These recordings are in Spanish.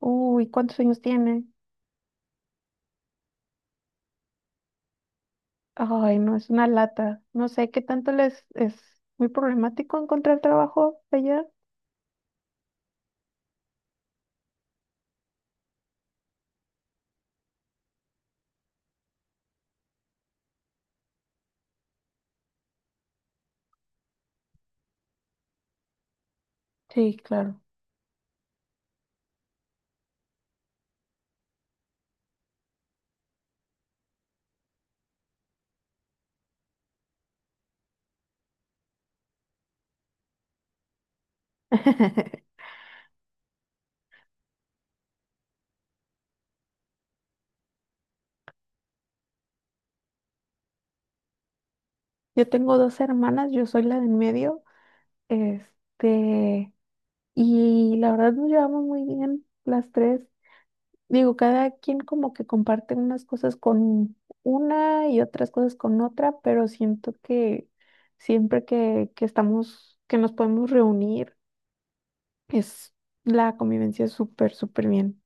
Uy, ¿cuántos años tiene? Ay, no, es una lata. No sé qué tanto les es muy problemático encontrar trabajo allá. Sí, claro. Yo tengo dos hermanas, yo soy la de en medio, este, y la verdad nos llevamos muy bien las tres. Digo, cada quien como que comparte unas cosas con una y otras cosas con otra, pero siento que siempre que estamos, que nos podemos reunir, Es la convivencia es súper, súper bien.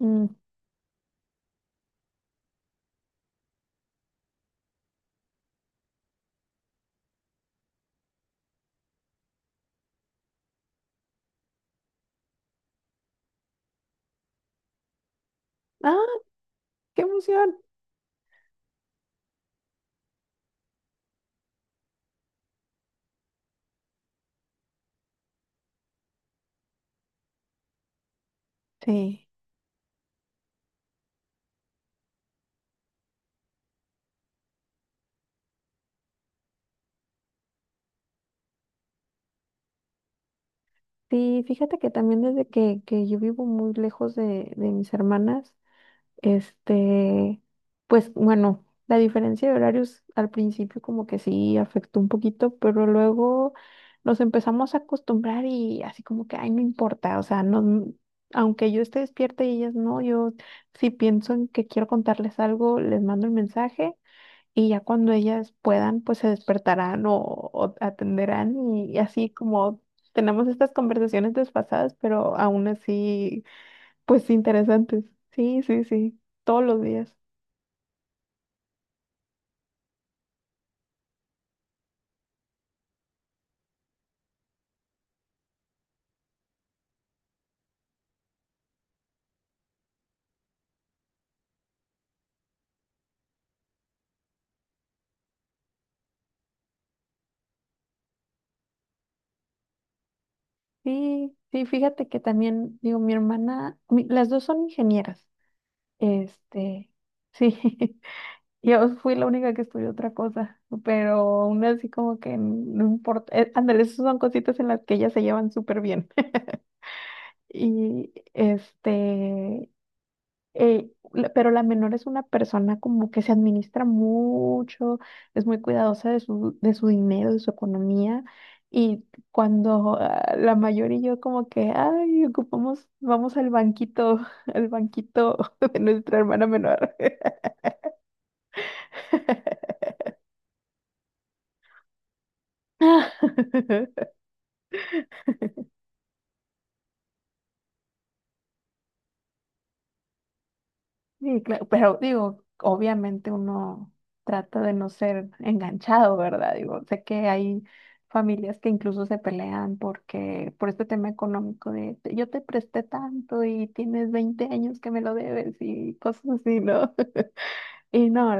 Mm. Ah, qué emoción. Sí, sí, fíjate que también desde que yo vivo muy lejos de mis hermanas, este, pues bueno, la diferencia de horarios al principio como que sí afectó un poquito, pero luego nos empezamos a acostumbrar y así como que, ay, no importa, o sea, no, aunque yo esté despierta y ellas no, yo si pienso en que quiero contarles algo, les mando el mensaje y ya cuando ellas puedan, pues se despertarán o atenderán y así como tenemos estas conversaciones desfasadas, pero aún así pues interesantes. Sí, sí, sí. Todos los días. Sí, sí, fíjate que también, digo, mi hermana, las dos son ingenieras. Este, sí, yo fui la única que estudió otra cosa, pero aún así como que no importa. Ándale, esas son cositas en las que ellas se llevan súper bien. Y este, pero la menor es una persona como que se administra mucho, es muy cuidadosa de su dinero, de su economía. Y cuando la mayor y yo como que, ay, ocupamos, vamos al banquito, al banquito de nuestra hermana menor. Sí, claro, pero digo, obviamente uno trata de no ser enganchado, ¿verdad? Digo, sé que hay familias que incluso se pelean porque por este tema económico de yo te presté tanto y tienes 20 años que me lo debes y cosas así, ¿no? Y no,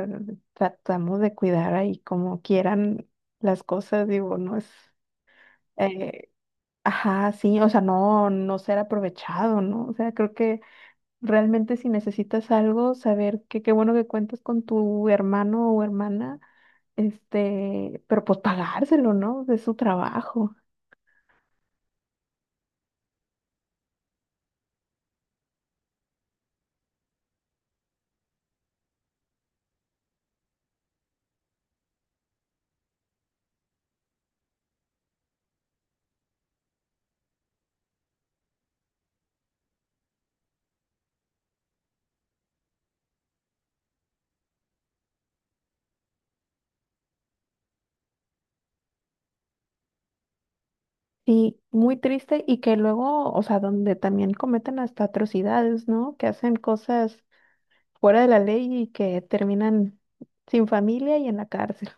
tratamos de cuidar ahí como quieran las cosas, digo, no es, eh, ajá, sí, o sea, no, no ser aprovechado, ¿no? O sea, creo que realmente si necesitas algo, saber que qué bueno que cuentas con tu hermano o hermana, este, pero pues pagárselo, ¿no? De su trabajo. Y muy triste y que luego, o sea, donde también cometen hasta atrocidades, ¿no? Que hacen cosas fuera de la ley y que terminan sin familia y en la cárcel.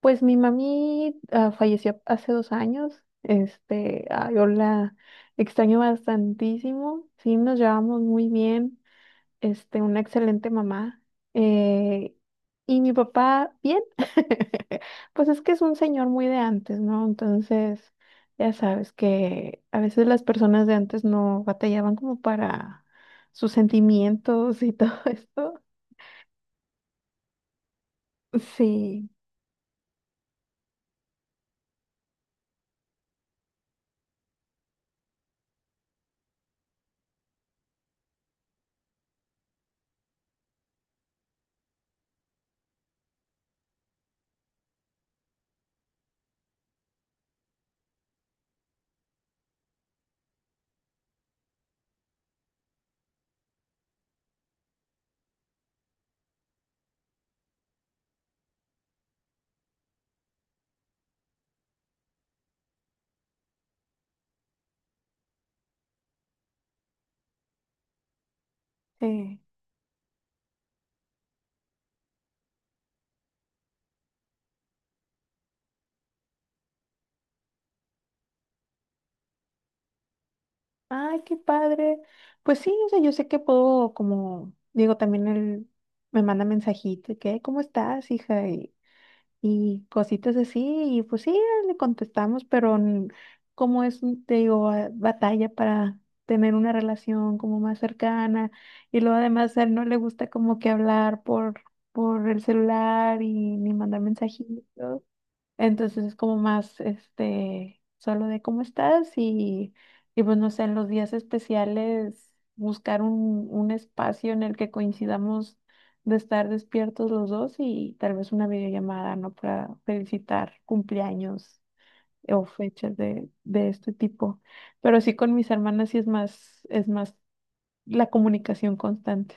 Pues mi mami falleció hace 2 años, este, yo la extraño bastantísimo, sí, nos llevamos muy bien. Este, una excelente mamá. eh, y mi papá, bien. Pues es que es un señor muy de antes, ¿no? Entonces, ya sabes que a veces las personas de antes no batallaban como para sus sentimientos y todo esto. Sí, sí. Ay, qué padre. Pues sí, o sea, yo sé que puedo, como digo, también él me manda mensajito, y que, ¿cómo estás, hija? Y cositas así, y pues sí, le contestamos, pero como es, te digo, batalla para tener una relación como más cercana, y luego además a él no le gusta como que hablar por el celular y ni mandar mensajitos. Entonces es como más, este, solo de cómo estás y pues no sé, en los días especiales buscar un espacio en el que coincidamos de estar despiertos los dos y tal vez una videollamada, ¿no? Para felicitar cumpleaños o fechas de este tipo. Pero sí con mis hermanas sí es más la comunicación constante.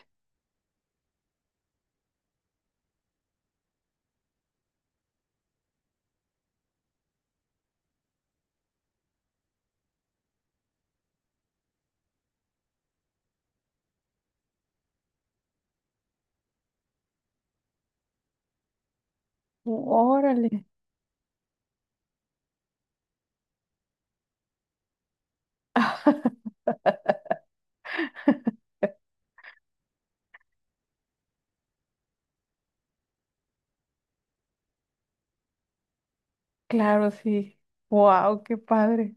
Órale. Claro, sí. Wow, qué padre.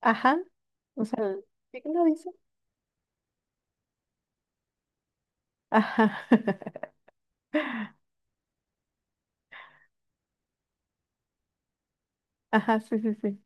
Ajá. O sea, el- ¿sí que lo dice? Ajá. Ajá, sí, sí, sí.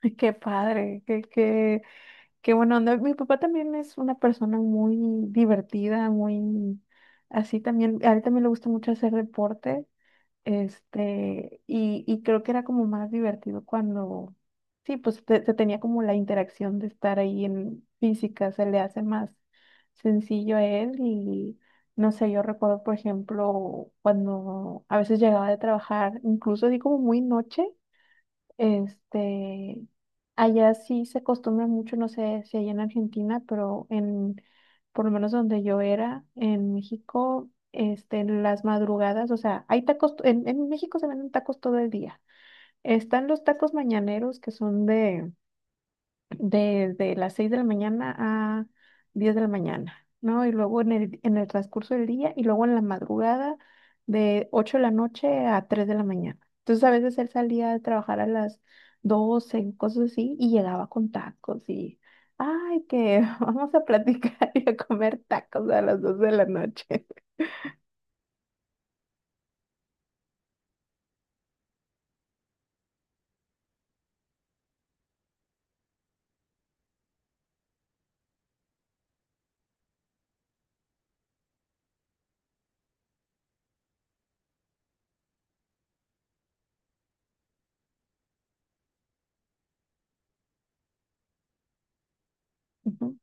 Ay, qué padre, qué, qué, qué buena onda. Mi papá también es una persona muy divertida, muy así también. A él también le gusta mucho hacer deporte. Este, y creo que era como más divertido cuando, sí, pues se tenía como la interacción de estar ahí en física, se le hace más sencillo a él y no sé, yo recuerdo, por ejemplo, cuando a veces llegaba de trabajar, incluso así como muy noche. Este, allá sí se acostumbra mucho, no sé si allá en Argentina, pero en, por lo menos donde yo era, en México, este, en las madrugadas, o sea, hay tacos, en México se venden tacos todo el día. Están los tacos mañaneros que son de desde las 6 de la mañana a 10 de la mañana, ¿no? Y luego en el transcurso del día y luego en la madrugada de 8 de la noche a 3 de la mañana. Entonces a veces él salía de trabajar a las 12 cosas así, y llegaba con tacos y, ay, que vamos a platicar y a comer tacos a las 12 de la noche. Ujú.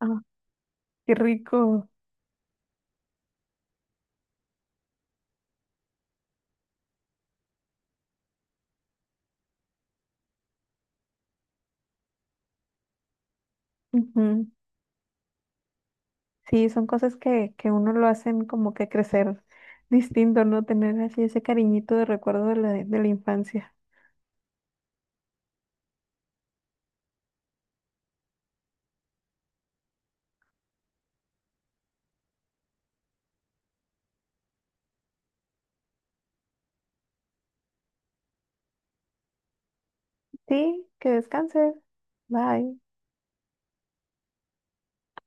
Ah, qué rico. Ujú. Sí, son cosas que uno lo hacen como que crecer distinto, ¿no? Tener así ese cariñito de recuerdo de la infancia. Sí, que descanses. Bye.